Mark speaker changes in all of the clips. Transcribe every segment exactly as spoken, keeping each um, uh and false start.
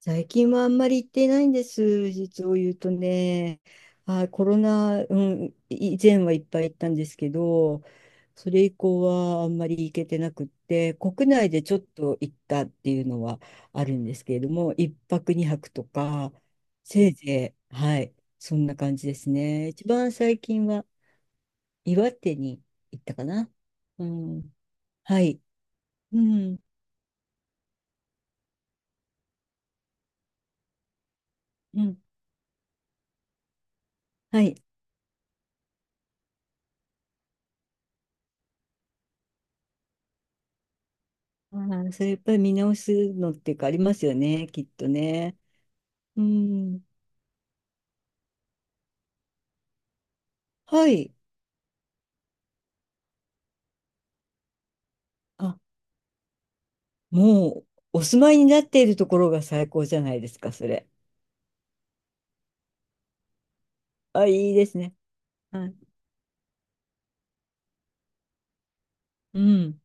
Speaker 1: 最近はあんまり行ってないんです、実を言うとね。あ、コロナ、うん、以前はいっぱい行ったんですけど、それ以降はあんまり行けてなくって、国内でちょっと行ったっていうのはあるんですけれども、一泊二泊とか、せいぜい、はい、そんな感じですね。一番最近は岩手に行ったかな。うん、はい、うん、うん、はい。あー、それやっぱり見直すのっていうかありますよね、きっとね。うん。はい。あ、もうお住まいになっているところが最高じゃないですか、それ。あ、いいですね。はい。うん。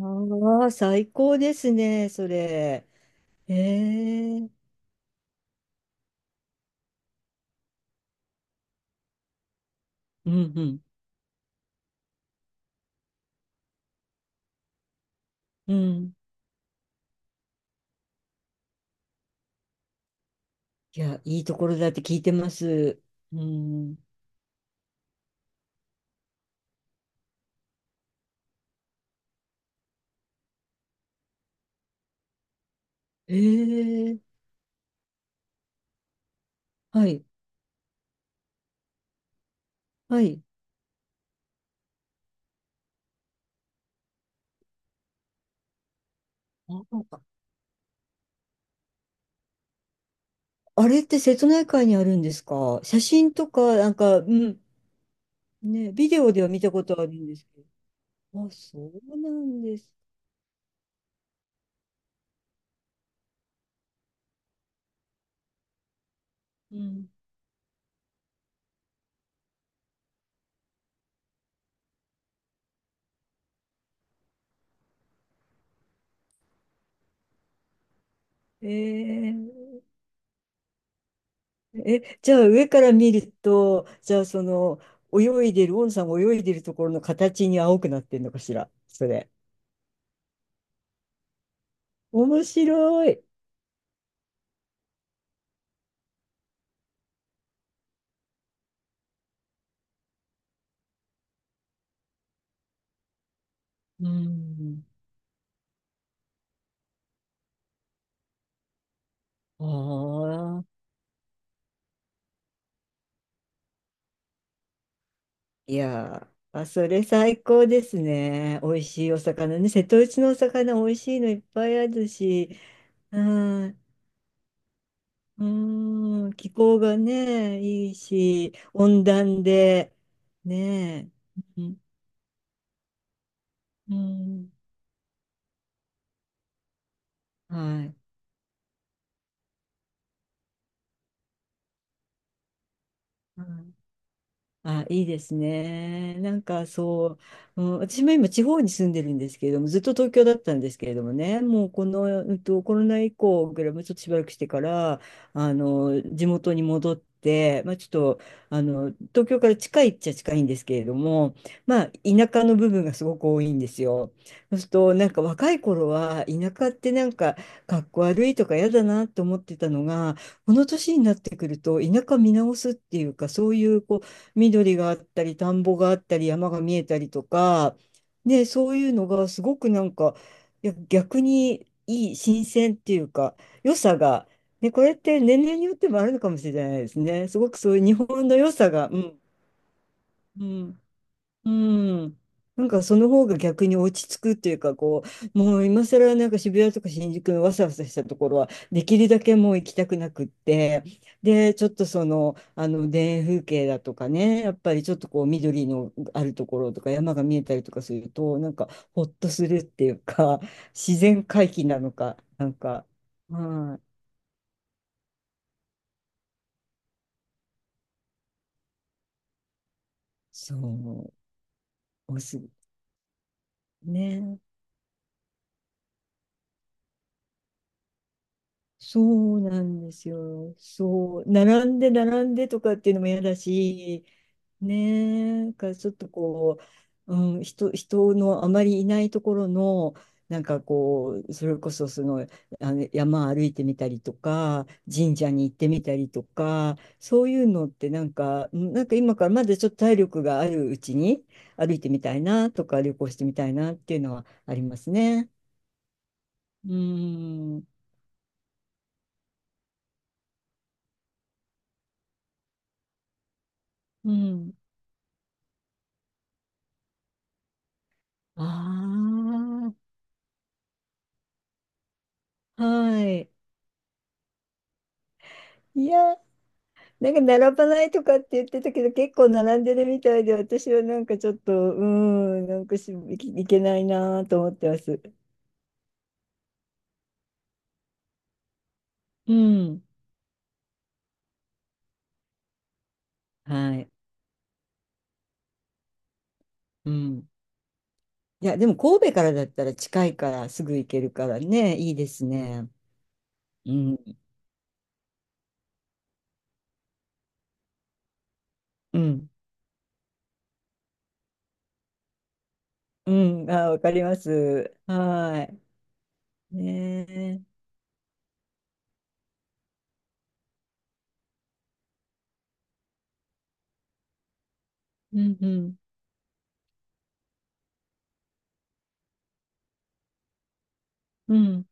Speaker 1: ああ、最高ですね、それ。へえ。うんうん。うん。いや、いいところだって聞いてます。うん。へえ。はい。はい。ああれって瀬戸内海にあるんですか、写真とか、なんか、うん。ね、ビデオでは見たことあるんですけど。あ、そうなんです。うん。えー、え、じゃあ上から見ると、じゃあその泳いでる、オンさんが泳いでるところの形に青くなってんのかしら、それ。面白い。うん。ああ、いやー、あ、それ最高ですね。美味しいお魚ね。瀬戸内のお魚美味しいのいっぱいあるし。うん。うーん、気候がね、いいし、温暖で、ねえ、うん、うん、はい。はい、あ、いいですね。なんかそう、うん、私も今地方に住んでるんですけれども、ずっと東京だったんですけれどもね、もうこの、うんと、コロナ以降ぐらい、もうちょっとしばらくしてから、あの、地元に戻って、まあちょっと、あの、東京から近いっちゃ近いんですけれども、まあ田舎の部分がすごく多いんですよ。そうすると、なんか若い頃は、田舎ってなんか、かっこ悪いとか嫌だなと思ってたのが、この年になってくると、田舎見直すっていうか、そういう、こう、緑があったり、田んぼがあったり、山が見えたりとか、ね、そういうのがすごくなんか、いや、逆にいい、新鮮っていうか、良さが、ね、これって年齢によってもあるのかもしれないですね。すごくそういう日本の良さが、うん、うんうん。なんかその方が逆に落ち着くっていうか、こう、もう今更なんか渋谷とか新宿のわさわさしたところはできるだけもう行きたくなくって、でちょっとその、あの田園風景だとかね、やっぱりちょっとこう緑のあるところとか山が見えたりとかするとなんかほっとするっていうか、 自然回帰なのかなんか、はい、そうおすねそうなんですよ。そう、並んで並んでとかっていうのも嫌だし、ねえ、なんかちょっとこう、うん、人、人のあまりいないところの、なんかこう、それこそその、あの山歩いてみたりとか、神社に行ってみたりとか、そういうのってなんか、うん、なんか今からまだちょっと体力があるうちに歩いてみたいなとか、旅行してみたいなっていうのはありますね。うん、うん。ああ。はい。いや、なんか並ばないとかって言ってたけど、結構並んでるみたいで、私はなんかちょっと、うーん、なんかし、いけいけないなと思ってます。うん。はい。うん。いや、でも神戸からだったら近いからすぐ行けるからね、いいですね。うん。うん。うん、あ、わかります。はい。ねえ。うんうん。うん。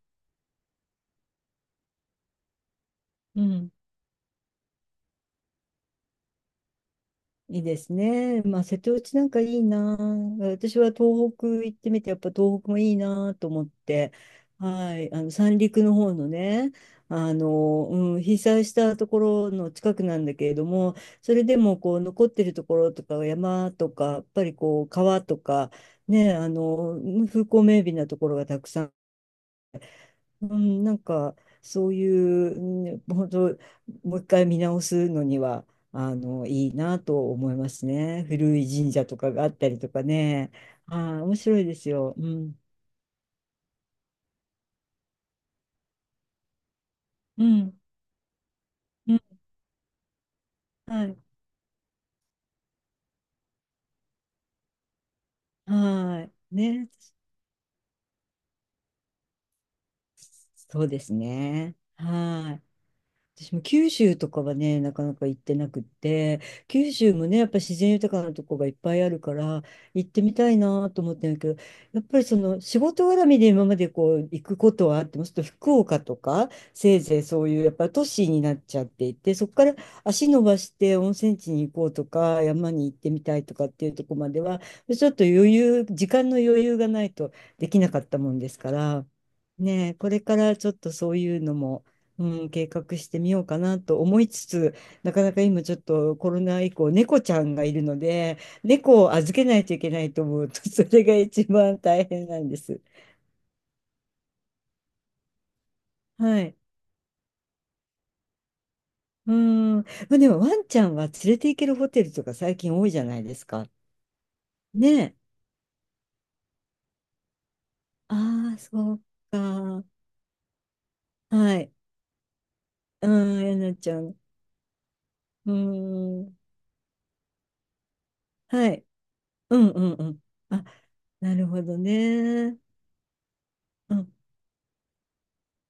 Speaker 1: うん。いいですね。まあ、瀬戸内なんかいいな。私は東北行ってみて、やっぱ東北もいいなと思って、はい、あの三陸の方のね、あの、うん、被災したところの近くなんだけれども、それでもこう残ってるところとか山とか、やっぱりこう川とか、ね、あの、風光明媚なところがたくさん、うん、なんかそういう、うん、本当もう一回見直すのにはあのいいなと思いますね。古い神社とかがあったりとかね。はい、面白いですよ。うん、うん、うん、はい、はい、ね、そうですね。はい。私も九州とかはね、なかなか行ってなくって、九州もね、やっぱ自然豊かなとこがいっぱいあるから、行ってみたいなと思ってるけど、やっぱりその仕事絡みで今までこう行くことはあっても、ちょっと福岡とか、せいぜいそういうやっぱ都市になっちゃっていて、そこから足伸ばして温泉地に行こうとか、山に行ってみたいとかっていうとこまでは、ちょっと余裕、時間の余裕がないとできなかったもんですから、ねえ、これからちょっとそういうのも、うん、計画してみようかなと思いつつ、なかなか今ちょっとコロナ以降、猫ちゃんがいるので、猫を預けないといけないと思うと、それが一番大変なんです。はい。うん。まあ、でもワンちゃんは連れて行けるホテルとか最近多いじゃないですか。ねえ。ああ、そうか。はい。うん、やなちゃん。うん。はい。うんうんうん。あ、なるほどね。うん。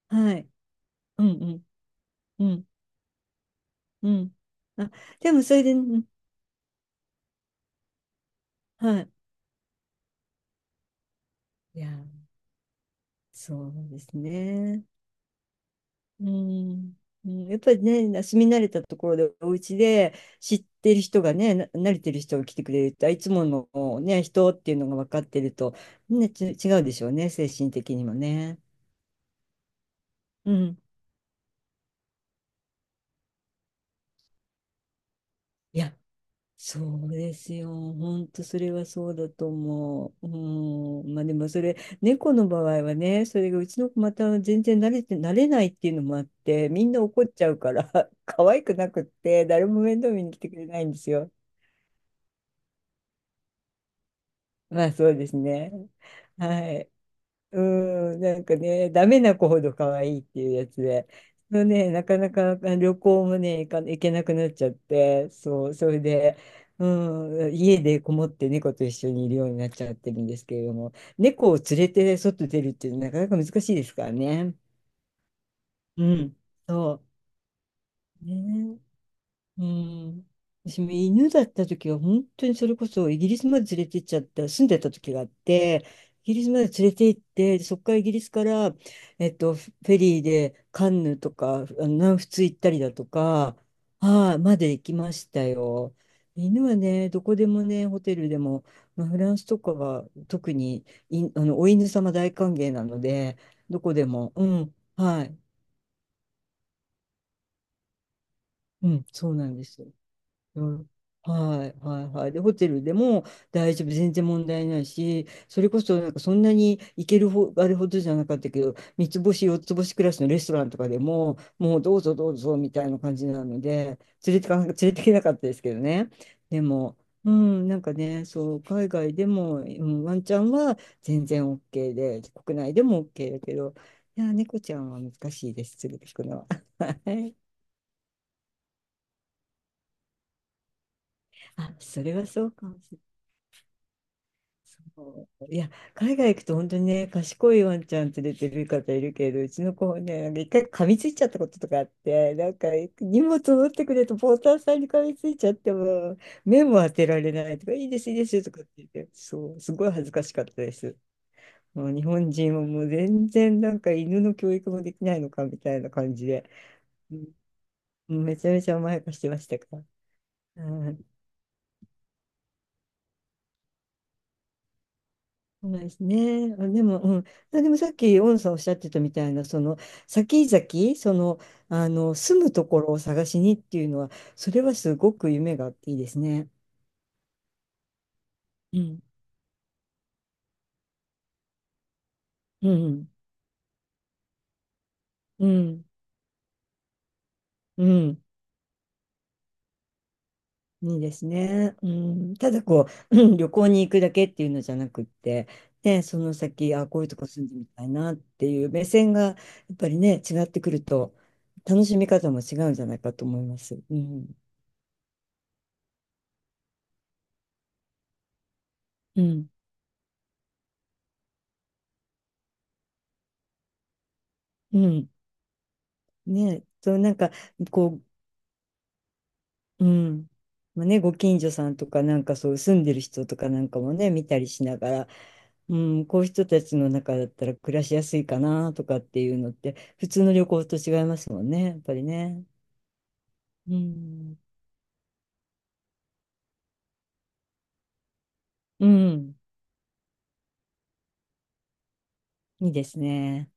Speaker 1: はい。うんうん。うん。うん。あ、でもそれで、うん、はい。いや、そうですね。うん。うん、やっぱりね、住み慣れたところで、お家で知ってる人がね、な慣れてる人が来てくれると、あ、いつものね、人っていうのが分かってると、ね、ち違うでしょうね、精神的にもね。うん。いや、そうですよ。本当それはそうだと思う。うん。まあでもそれ、猫の場合はね、それがうちの子また全然慣れて、慣れないっていうのもあって、みんな怒っちゃうから、可愛くなくって、誰も面倒見に来てくれないんですよ。まあそうですね。はい。うん、なんかね、ダメな子ほど可愛いっていうやつで、そのね、なかなかあ旅行もね、行か、行けなくなっちゃって、そう、それで、うん、家でこもって猫と一緒にいるようになっちゃってるんですけれども、猫を連れて外出るっていうのはなかなか難しいですからね。うん、そう。ね、うん。私も犬だった時は本当にそれこそイギリスまで連れて行っちゃった、住んでた時があって、イギリスまで連れて行って、そこからイギリスから、えっと、フェリーでカンヌとか、あの南仏行ったりだとか、はい、まで行きましたよ。犬はね、どこでもね、ホテルでも、まあ、フランスとかは特にい、あの、お犬様大歓迎なので、どこでも、うん、はい、うん、そうなんです。うん、はいはいはい。で、ホテルでも大丈夫、全然問題ないし、それこそなんかそんなに行けるほあれほどじゃなかったけど、三つ星、四つ星クラスのレストランとかでも、もうどうぞどうぞみたいな感じなので、連れてかな、連れてけなかったですけどね。でも、うん、なんかね、そう、海外でも、うん、ワンちゃんは全然 OK で、国内でも OK だけど、いや、猫ちゃんは難しいです、連れてくのは。はい、あ、それはそうかもしれない。そういや、海外行くと本当にね、賢いワンちゃん連れてる方いるけど、うちの子ね、なんか一回噛みついちゃったこととかあって、なんか荷物持ってくれとポーターさんに噛みついちゃっても、目も当てられないとか、いいです、いいですよとかって言って、そう、すごい恥ずかしかったです。もう日本人はもう全然なんか犬の教育もできないのかみたいな感じで、うん、めちゃめちゃ甘やかしてましたから。うん、そうですね。あ、でも、うん。あ、でもさっき、オンさんおっしゃってたみたいな、その、先々、その、あの、住むところを探しにっていうのは、それはすごく夢があっていいですね。うん。うん。うん。うん。いいですね。うん。ただ、こう、うん、旅行に行くだけっていうのじゃなくって、ね、その先、あ、こういうとこ住んでみたいなっていう目線が、やっぱりね、違ってくると、楽しみ方も違うんじゃないかと思います。うん。うん。うん。ねえ、そう、なんか、こう、うん。まあね、ご近所さんとか、なんかそう、住んでる人とかなんかもね、見たりしながら、うん、こういう人たちの中だったら暮らしやすいかなとかっていうのって、普通の旅行と違いますもんね、やっぱりね。うん。うん。いいですね。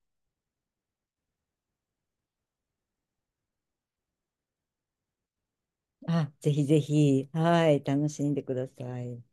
Speaker 1: あ、ぜひぜひ、はい、楽しんでください。